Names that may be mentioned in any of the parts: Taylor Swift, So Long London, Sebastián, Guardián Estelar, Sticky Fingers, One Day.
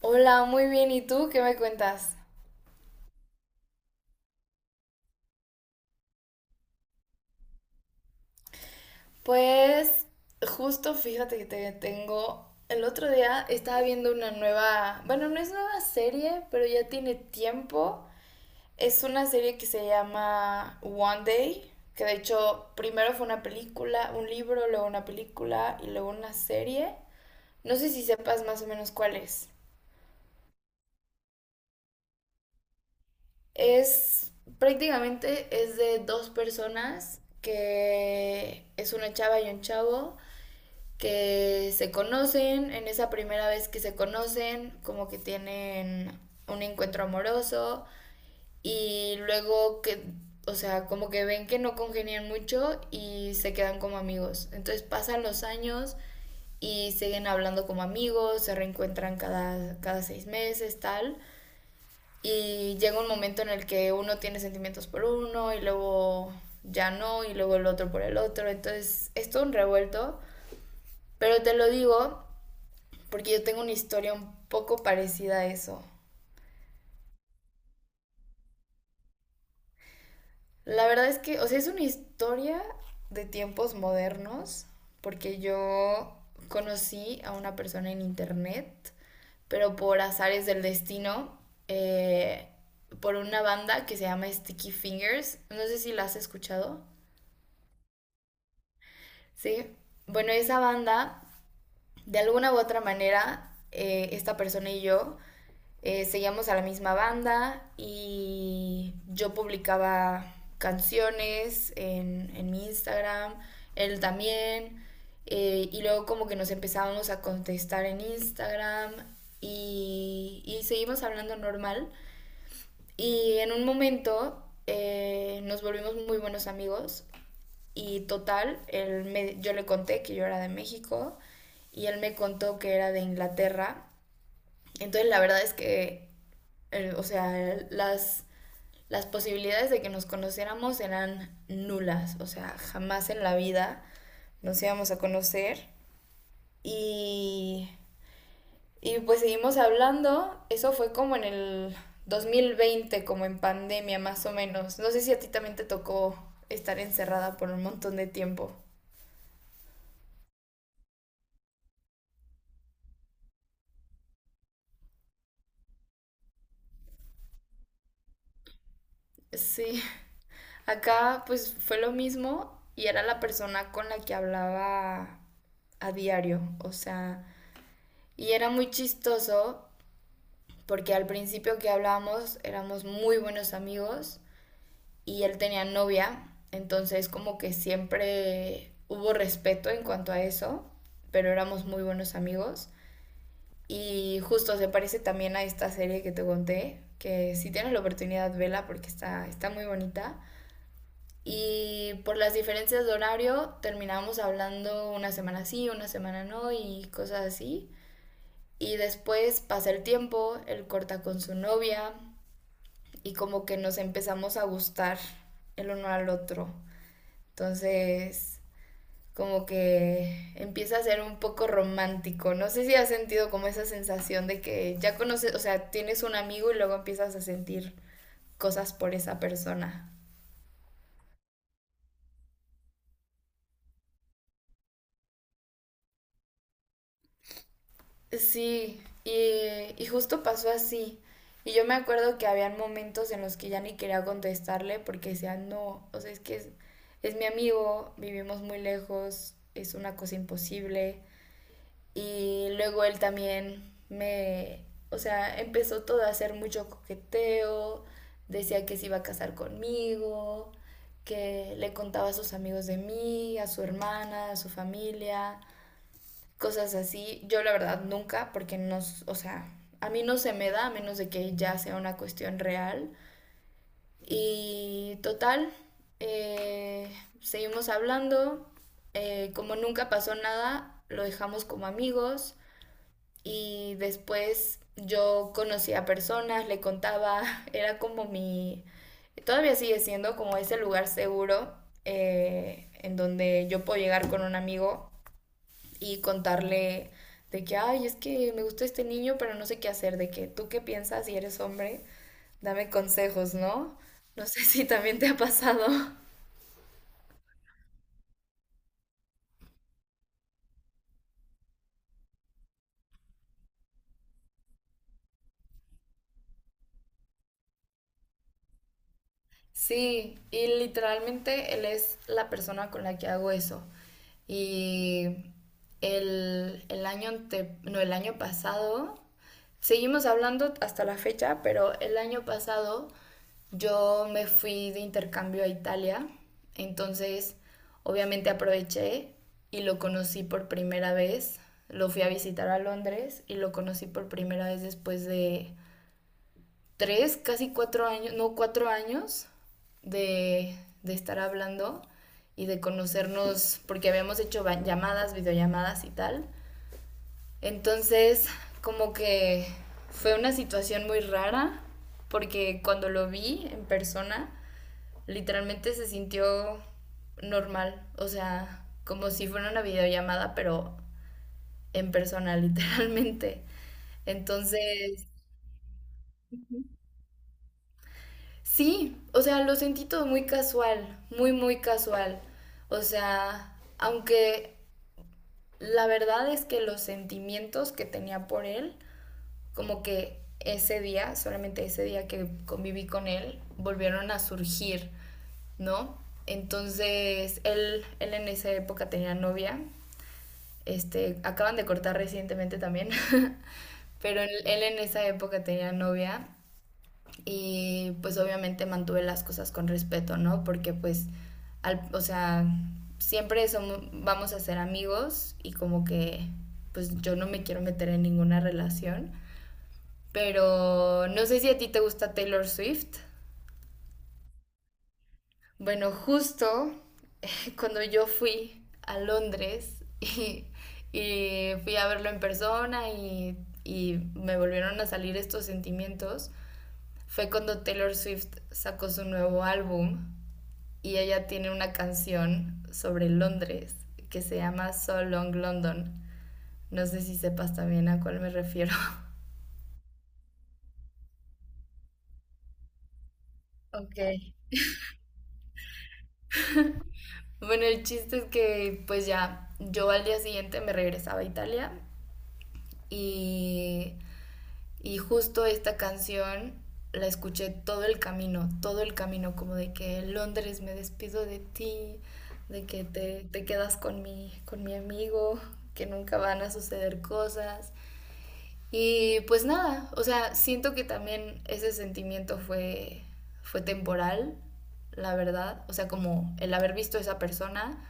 Hola, muy bien. ¿Y tú qué me cuentas? Pues justo fíjate que te tengo... El otro día estaba viendo una nueva, bueno, no es nueva serie, pero ya tiene tiempo. Es una serie que se llama One Day, que de hecho primero fue una película, un libro, luego una película y luego una serie. No sé si sepas más o menos cuál es. Es prácticamente es de dos personas que es una chava y un chavo que se conocen, en esa primera vez que se conocen, como que tienen un encuentro amoroso y luego que, o sea, como que ven que no congenian mucho y se quedan como amigos. Entonces pasan los años y siguen hablando como amigos, se reencuentran cada seis meses, tal. Y llega un momento en el que uno tiene sentimientos por uno y luego ya no, y luego el otro por el otro. Entonces es todo un revuelto. Pero te lo digo porque yo tengo una historia un poco parecida a eso. La verdad es que, o sea, es una historia de tiempos modernos, porque yo conocí a una persona en internet, pero por azares del destino, eh, por una banda que se llama Sticky Fingers. No sé si la has escuchado. Sí. Bueno, esa banda, de alguna u otra manera, esta persona y yo seguíamos a la misma banda y yo publicaba canciones en mi Instagram, él también, y luego como que nos empezábamos a contestar en Instagram y seguimos hablando normal. Y en un momento nos volvimos muy buenos amigos y total, yo le conté que yo era de México y él me contó que era de Inglaterra. Entonces la verdad es que o sea, las posibilidades de que nos conociéramos eran nulas, o sea, jamás en la vida nos íbamos a conocer. Y, y pues seguimos hablando, eso fue como en el 2020, como en pandemia más o menos. No sé si a ti también te tocó estar encerrada por un montón de tiempo. Sí, acá pues fue lo mismo y era la persona con la que hablaba a diario, o sea. Y era muy chistoso porque al principio que hablábamos éramos muy buenos amigos y él tenía novia, entonces como que siempre hubo respeto en cuanto a eso, pero éramos muy buenos amigos. Y justo se parece también a esta serie que te conté, que si tienes la oportunidad, vela porque está muy bonita. Y por las diferencias de horario terminábamos hablando una semana sí, una semana no y cosas así. Y después pasa el tiempo, él corta con su novia y como que nos empezamos a gustar el uno al otro. Entonces, como que empieza a ser un poco romántico. No sé si has sentido como esa sensación de que ya conoces, o sea, tienes un amigo y luego empiezas a sentir cosas por esa persona. Sí, y justo pasó así. Y yo me acuerdo que habían momentos en los que ya ni quería contestarle porque decía, no, o sea, es que es mi amigo, vivimos muy lejos, es una cosa imposible. Y luego él también o sea, empezó todo a hacer mucho coqueteo, decía que se iba a casar conmigo, que le contaba a sus amigos de mí, a su hermana, a su familia cosas así. Yo la verdad nunca, porque no, o sea, a mí no se me da a menos de que ya sea una cuestión real. Y total, eh, seguimos hablando. Como nunca pasó nada, lo dejamos como amigos. Y después yo conocía personas, le contaba, era como mi... Todavía sigue siendo como ese lugar seguro en donde yo puedo llegar con un amigo y contarle de que, ay, es que me gusta este niño, pero no sé qué hacer, de que tú qué piensas si eres hombre, dame consejos, ¿no? No sé si también te ha pasado. Sí, y literalmente él es la persona con la que hago eso. Y el no, el año pasado, seguimos hablando hasta la fecha, pero el año pasado yo me fui de intercambio a Italia, entonces obviamente aproveché y lo conocí por primera vez. Lo fui a visitar a Londres y lo conocí por primera vez después de tres, casi cuatro años, no, cuatro años de, de estar hablando y de conocernos, porque habíamos hecho llamadas, videollamadas y tal. Entonces, como que fue una situación muy rara, porque cuando lo vi en persona, literalmente se sintió normal, o sea, como si fuera una videollamada, pero en persona, literalmente. Entonces, sí, o sea, lo sentí todo muy casual, muy, muy casual. O sea, aunque la verdad es que los sentimientos que tenía por él, como que ese día, solamente ese día que conviví con él, volvieron a surgir, ¿no? Entonces, él en esa época tenía novia, este, acaban de cortar recientemente también, pero él en esa época tenía novia y pues obviamente mantuve las cosas con respeto, ¿no? Porque pues, al, o sea, siempre somos, vamos a ser amigos y como que pues yo no me quiero meter en ninguna relación. Pero no sé si a ti te gusta Taylor Swift. Bueno, justo cuando yo fui a Londres y fui a verlo en persona y me volvieron a salir estos sentimientos, fue cuando Taylor Swift sacó su nuevo álbum y ella tiene una canción sobre Londres que se llama So Long London. No sé si sepas también a cuál me refiero. Ok. Bueno, el chiste es que pues ya yo al día siguiente me regresaba a Italia y, y justo esta canción la escuché todo el camino, como de que Londres me despido de ti, de que te quedas con con mi amigo, que nunca van a suceder cosas. Y pues nada, o sea, siento que también ese sentimiento fue temporal, la verdad. O sea, como el haber visto a esa persona,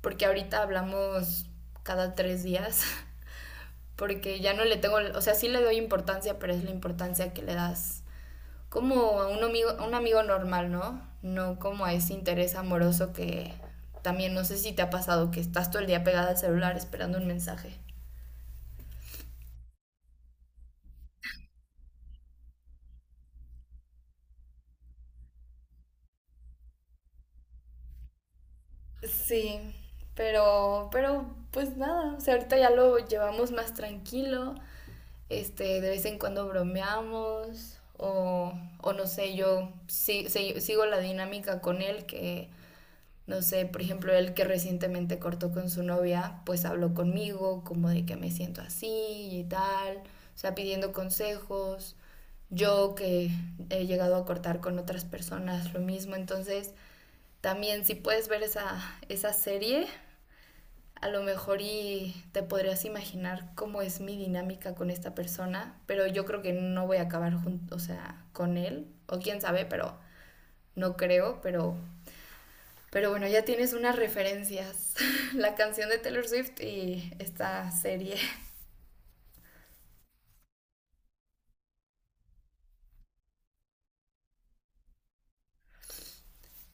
porque ahorita hablamos cada tres días, porque ya no le tengo, o sea, sí le doy importancia, pero es la importancia que le das como a un amigo normal, ¿no? No como a ese interés amoroso que también no sé si te ha pasado que estás todo el día pegada al celular esperando un mensaje. Sí, pero pues nada, o sea, ahorita ya lo llevamos más tranquilo, este, de vez en cuando bromeamos o no sé, yo sí, sigo la dinámica con él que, no sé, por ejemplo, él que recientemente cortó con su novia, pues habló conmigo como de que me siento así y tal, o sea, pidiendo consejos. Yo que he llegado a cortar con otras personas, lo mismo. Entonces, también si puedes ver esa serie, a lo mejor y te podrías imaginar cómo es mi dinámica con esta persona, pero yo creo que no voy a acabar junto, o sea, con él, o quién sabe, pero no creo, pero bueno, ya tienes unas referencias, la canción de Taylor Swift y esta serie.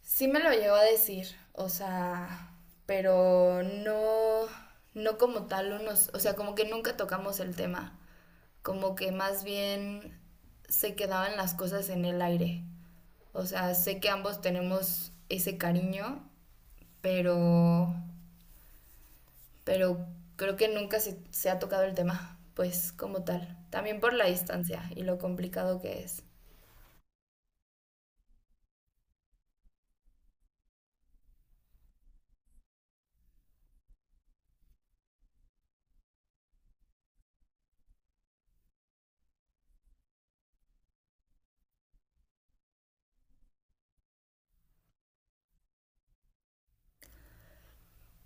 Sí me lo llegó a decir, o sea, pero no como tal unos, o sea, como que nunca tocamos el tema, como que más bien se quedaban las cosas en el aire. O sea, sé que ambos tenemos ese cariño, pero, pero creo que nunca se ha tocado el tema, pues como tal. También por la distancia y lo complicado que es.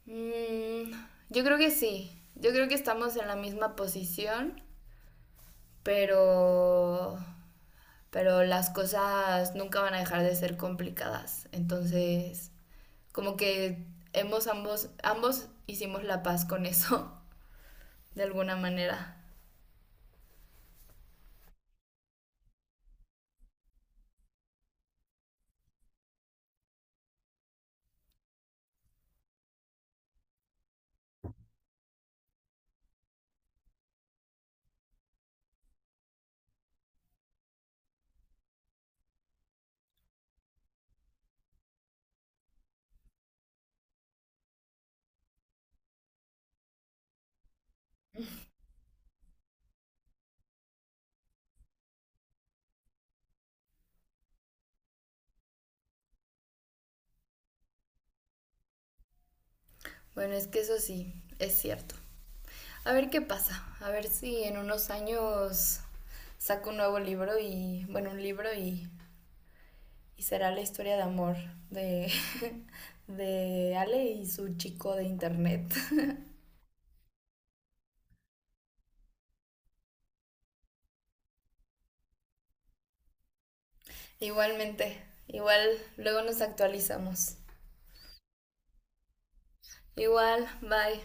Mm, yo creo que sí. Yo creo que estamos en la misma posición, pero, pero las cosas nunca van a dejar de ser complicadas. Entonces, como que ambos hicimos la paz con eso, de alguna manera. Bueno, es que eso sí, es cierto. A ver qué pasa, a ver si en unos años saco un nuevo libro y, bueno, y será la historia de amor de, de Ale y su chico de internet. Igualmente, igual luego nos actualizamos. Igual, bye.